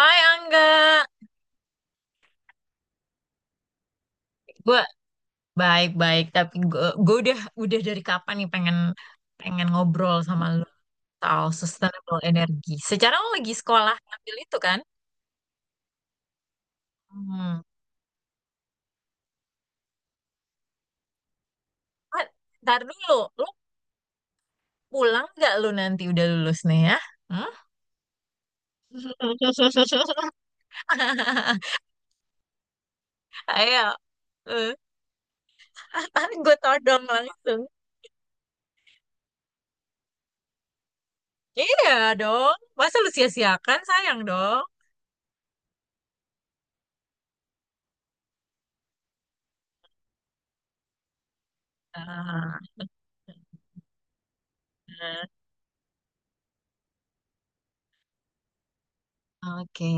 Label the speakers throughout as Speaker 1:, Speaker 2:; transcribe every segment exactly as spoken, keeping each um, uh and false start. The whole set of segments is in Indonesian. Speaker 1: Hai Angga, gue baik-baik tapi gue gue udah udah dari kapan nih pengen pengen ngobrol sama lu soal sustainable energy. Secara lo lagi sekolah ngambil itu kan? Hmm. Ah, ntar dulu, lu pulang nggak lu nanti udah lulus nih ya? Hmm? Ayo, gue todong langsung. Iya dong, masa lu sia-siakan sayang dong. Ah, oke.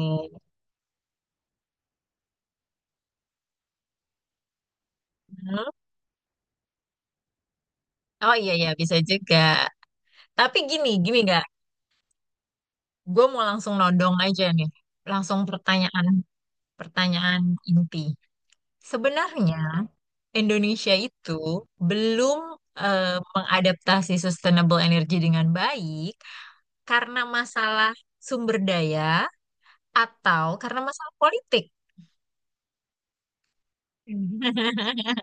Speaker 1: Hmm. Oh iya ya bisa juga. Tapi gini, gini nggak? Gue mau langsung nodong aja nih. Langsung pertanyaan, pertanyaan inti. Sebenarnya Indonesia itu belum eh, mengadaptasi sustainable energy dengan baik karena masalah sumber daya atau karena masalah politik.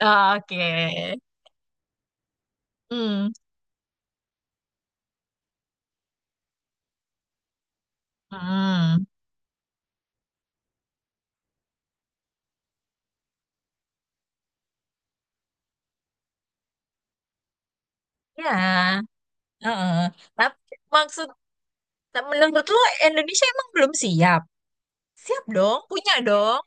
Speaker 1: Oke. Hmm. Hmm. Ya. Heeh. Tapi maksud menurut lo Indonesia emang belum siap? Siap dong, punya dong.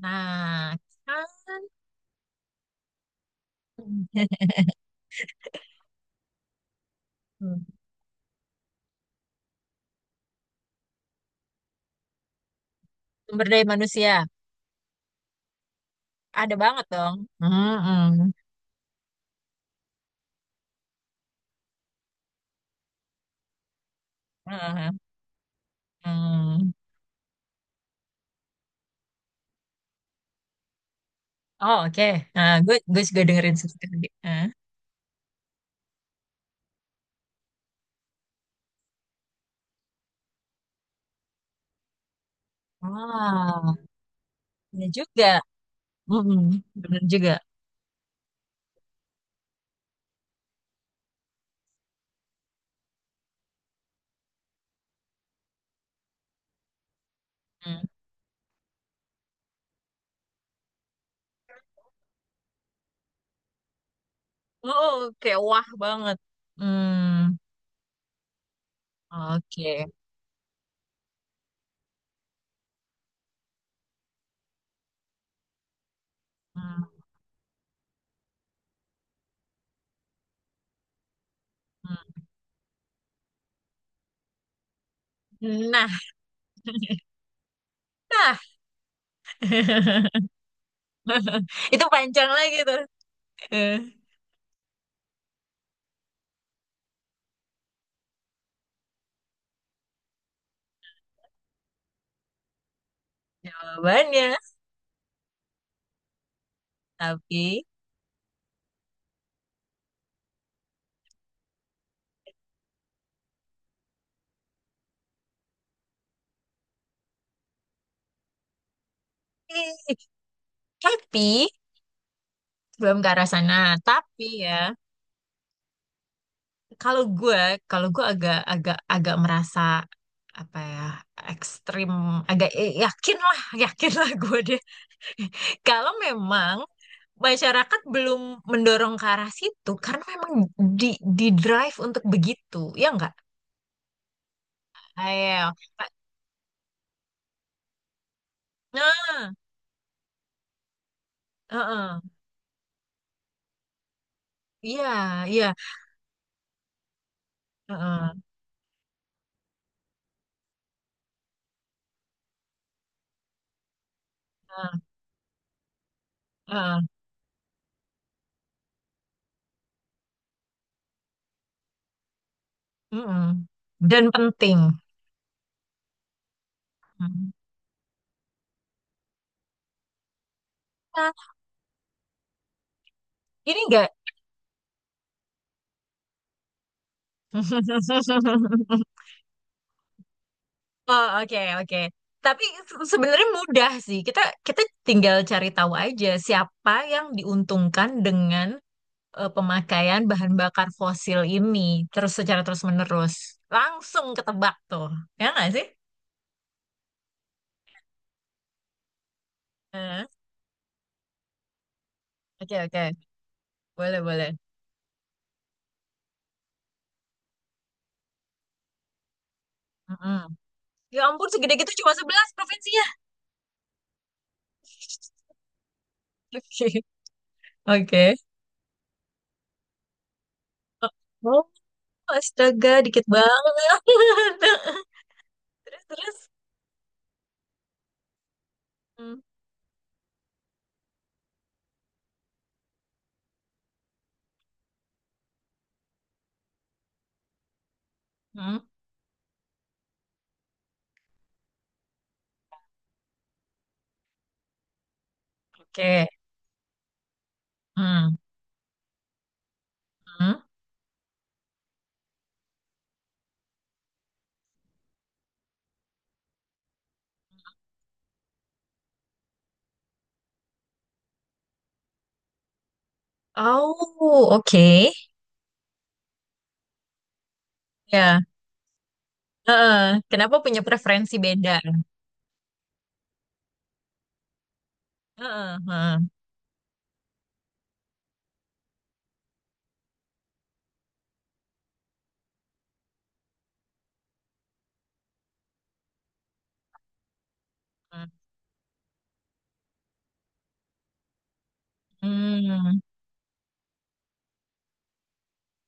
Speaker 1: Nah, kan hmm, sumber daya manusia ada banget dong. Hmm, hmm, hmm. Oh, oke. Nah, gue gue juga dengerin satu tadi. Ah, ah, ya juga. Hmm, bener juga. Hmm. Oh, kayak wah banget. Hmm, oke. Hmm, hmm. Nah, nah. Itu panjang lagi tuh. Eh, Jawabannya, tapi, eh, tapi belum ke arah sana tapi ya kalau gue kalau gue agak agak agak merasa apa ya ekstrim agak eh, yakin lah yakin lah gue deh kalau memang masyarakat belum mendorong ke arah situ karena memang di di drive untuk begitu ya enggak ayo nah heeh. Iya iya heeh, heeh, heeh, heeh. Dan penting. Hmm. Nah, ini enggak. Oh, oke, oke. Tapi se- sebenarnya mudah sih. Kita kita tinggal cari tahu aja siapa yang diuntungkan dengan eh, pemakaian bahan bakar fosil ini terus secara terus-menerus. Langsung ketebak tuh. Ya nggak sih? Eh, Oke, oke. Boleh, boleh. Mm-mm. Ya ampun, segede gitu cuma sebelas provinsinya. Oke. Oke. Oh, astaga, dikit banget. Terus, terus. Hmm. Hmm. Oke. Hmm. Hmm. Oh, oke. Ya. Heeh. Kenapa punya preferensi beda? Heeh, heeh, heeh. Hmm,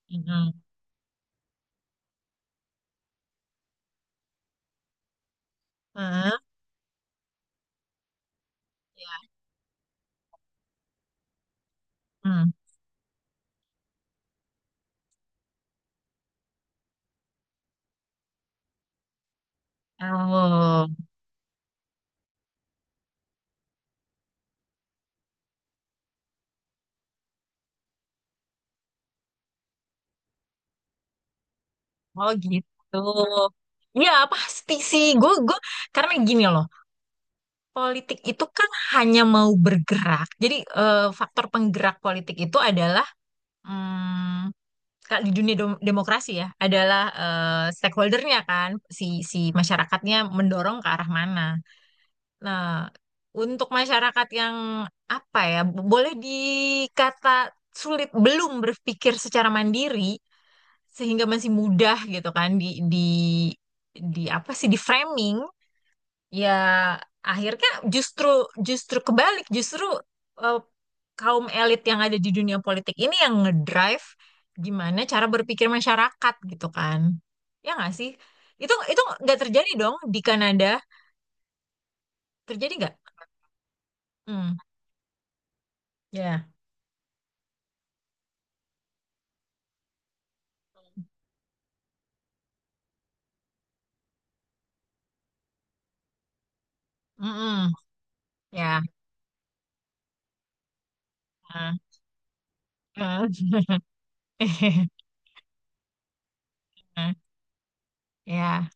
Speaker 1: heeh, heeh, ya. Hmm. Oh, oh gitu. Ya, pasti sih. Gue, gue karena gini loh. Politik itu kan hanya mau bergerak. Jadi eh, faktor penggerak politik itu adalah hmm, kalau di dunia dem- demokrasi ya, adalah eh, stakeholdernya kan, si si masyarakatnya mendorong ke arah mana. Nah, untuk masyarakat yang apa ya, boleh dikata sulit belum berpikir secara mandiri sehingga masih mudah gitu kan di di di apa sih di framing ya akhirnya justru justru kebalik justru eh, kaum elit yang ada di dunia politik ini yang ngedrive gimana cara berpikir masyarakat gitu kan. Ya nggak sih? Itu itu nggak terjadi dong di Kanada. Terjadi nggak? Hmm, ya. Mm-mm. Ya. eh, eh, Ya.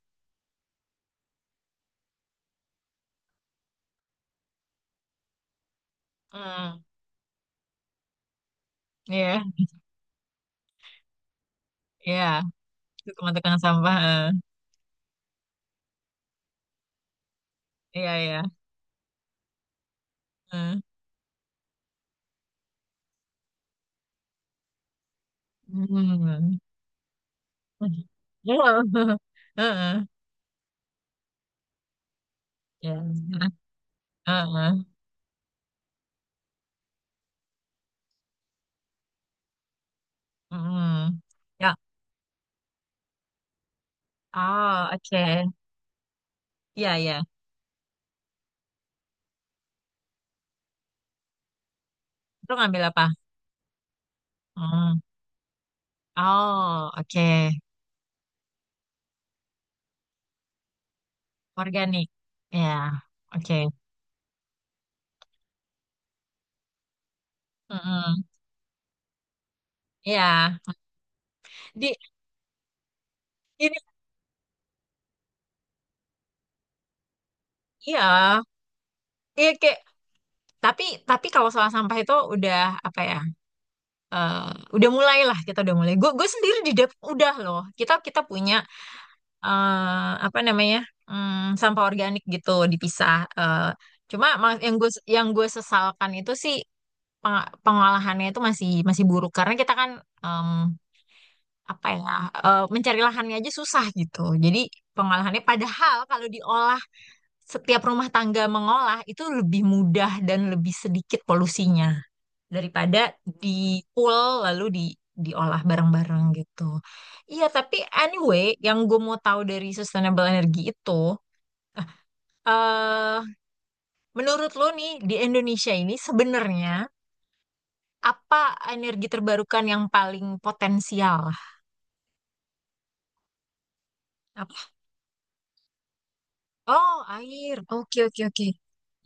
Speaker 1: Mm. Iya. Iya. Itu teman tukang sampah. eh. Iya, iya. eh. Mm. Heeh. Ya. Heeh. Mm. Ya. Oh, oke. Iya, iya. Lu ngambil apa? Mm. Oh, oke. Organik. Ya. Oke. Mm-mm. Iya. Di ini iya. Iya kayak tapi tapi kalau salah sampah itu udah apa ya eh, udah mulai lah kita udah mulai gue gue sendiri di Depok udah loh kita kita punya eh, apa namanya mm, sampah organik gitu dipisah. Eh, Cuma ma- yang gue yang gue sesalkan itu sih peng- pengolahannya itu masih masih buruk karena kita kan em, apa ya eh, mencari lahannya aja susah gitu jadi pengolahannya padahal kalau diolah setiap rumah tangga mengolah itu lebih mudah dan lebih sedikit polusinya daripada di pool lalu di diolah bareng-bareng gitu. Iya, tapi anyway, yang gue mau tahu dari sustainable energy itu, eh menurut lo nih di Indonesia ini sebenarnya apa energi terbarukan yang paling potensial? Apa? Oh, air. Oke, oke, oke.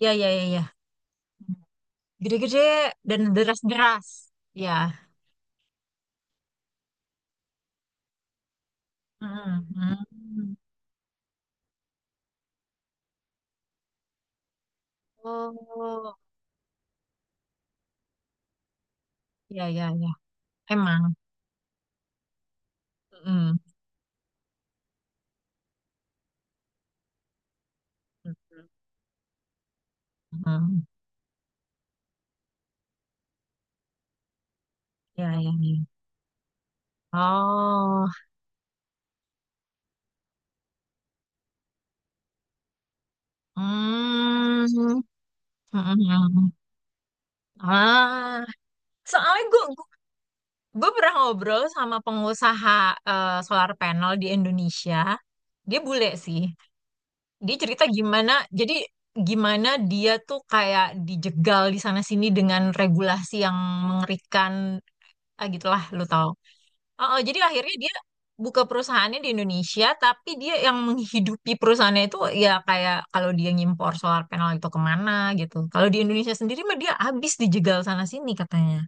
Speaker 1: Ya, ya, ya, ya. Gede-gede dan deras-deras. Ya. Mm, mm. Oh, ya, ya, ya. Emang. Mm. Hmm, ya, ya, ya. Oh, hmm, hmm. Ah, soalnya gue gue pernah ngobrol sama pengusaha eh, solar panel di Indonesia. Dia bule sih. Dia cerita gimana, jadi gimana dia tuh kayak dijegal di sana sini dengan regulasi yang mengerikan, ah, gitulah, lu tahu. Oh, oh, jadi akhirnya dia buka perusahaannya di Indonesia, tapi dia yang menghidupi perusahaannya itu ya kayak kalau dia ngimpor solar panel itu kemana gitu. Kalau di Indonesia sendiri mah dia habis dijegal sana sini katanya.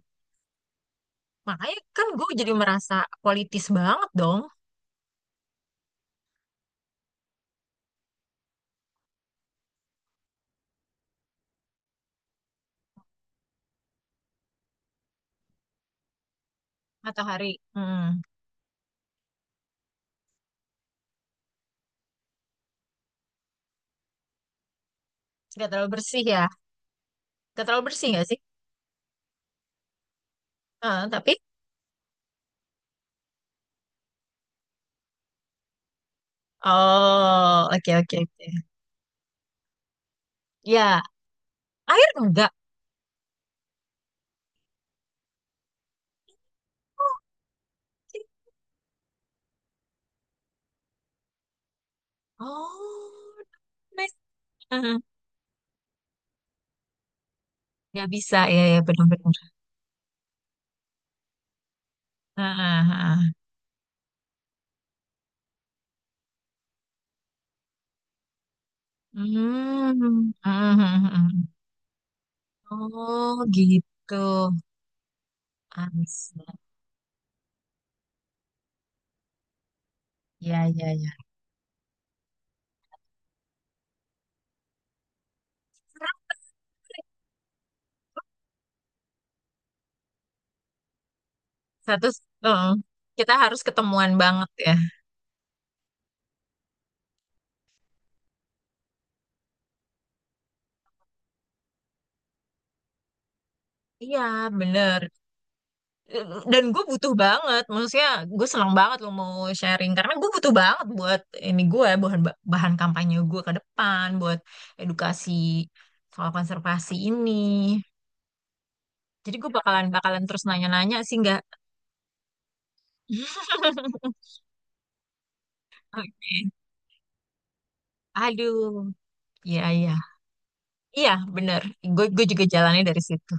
Speaker 1: Makanya kan gue jadi merasa politis banget dong matahari. Hmm, gak terlalu bersih ya. Gak terlalu bersih gak sih? Heeh, tapi oh oke oke oke. Ya air enggak. Oh, oke. Oh, nice. Heeh. Bisa ya ya benar-benar. Heeh, heeh. Hmm, hmm, hmm, hmm. Oh gitu. I Ya, ya, ya. Satu, eh, Kita harus ketemuan banget ya. Iya, bener. Dan gue butuh banget, maksudnya gue senang banget lo mau sharing karena gue butuh banget buat ini gue bahan bahan kampanye gue ke depan buat edukasi soal konservasi ini. Jadi gue bakalan bakalan terus nanya-nanya sih nggak? Oke. Aduh, iya iya. Iya, bener. Gue gue juga jalannya dari situ.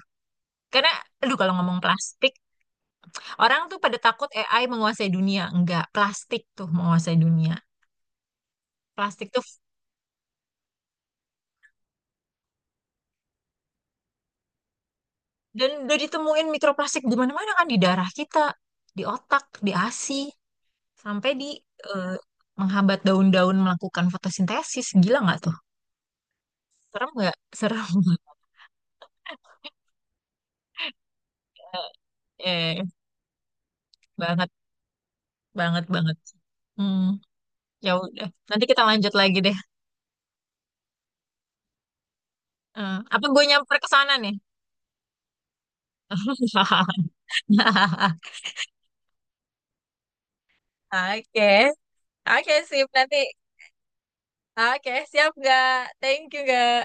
Speaker 1: Karena, aduh kalau ngomong plastik, orang tuh pada takut A I menguasai dunia. Enggak, plastik tuh menguasai dunia. Plastik tuh, dan udah ditemuin mikroplastik di mana-mana kan, di darah kita, di otak, di ASI, sampai di eh, menghambat daun-daun melakukan fotosintesis. Gila nggak tuh? Serem nggak? Serem. Eh, Banget, banget, banget. Hmm, ya udah. Nanti kita lanjut lagi deh. Eh, apa gue nyamper ke sana nih? Oke, oke sip nanti. Oke, siap nggak? Thank you nggak?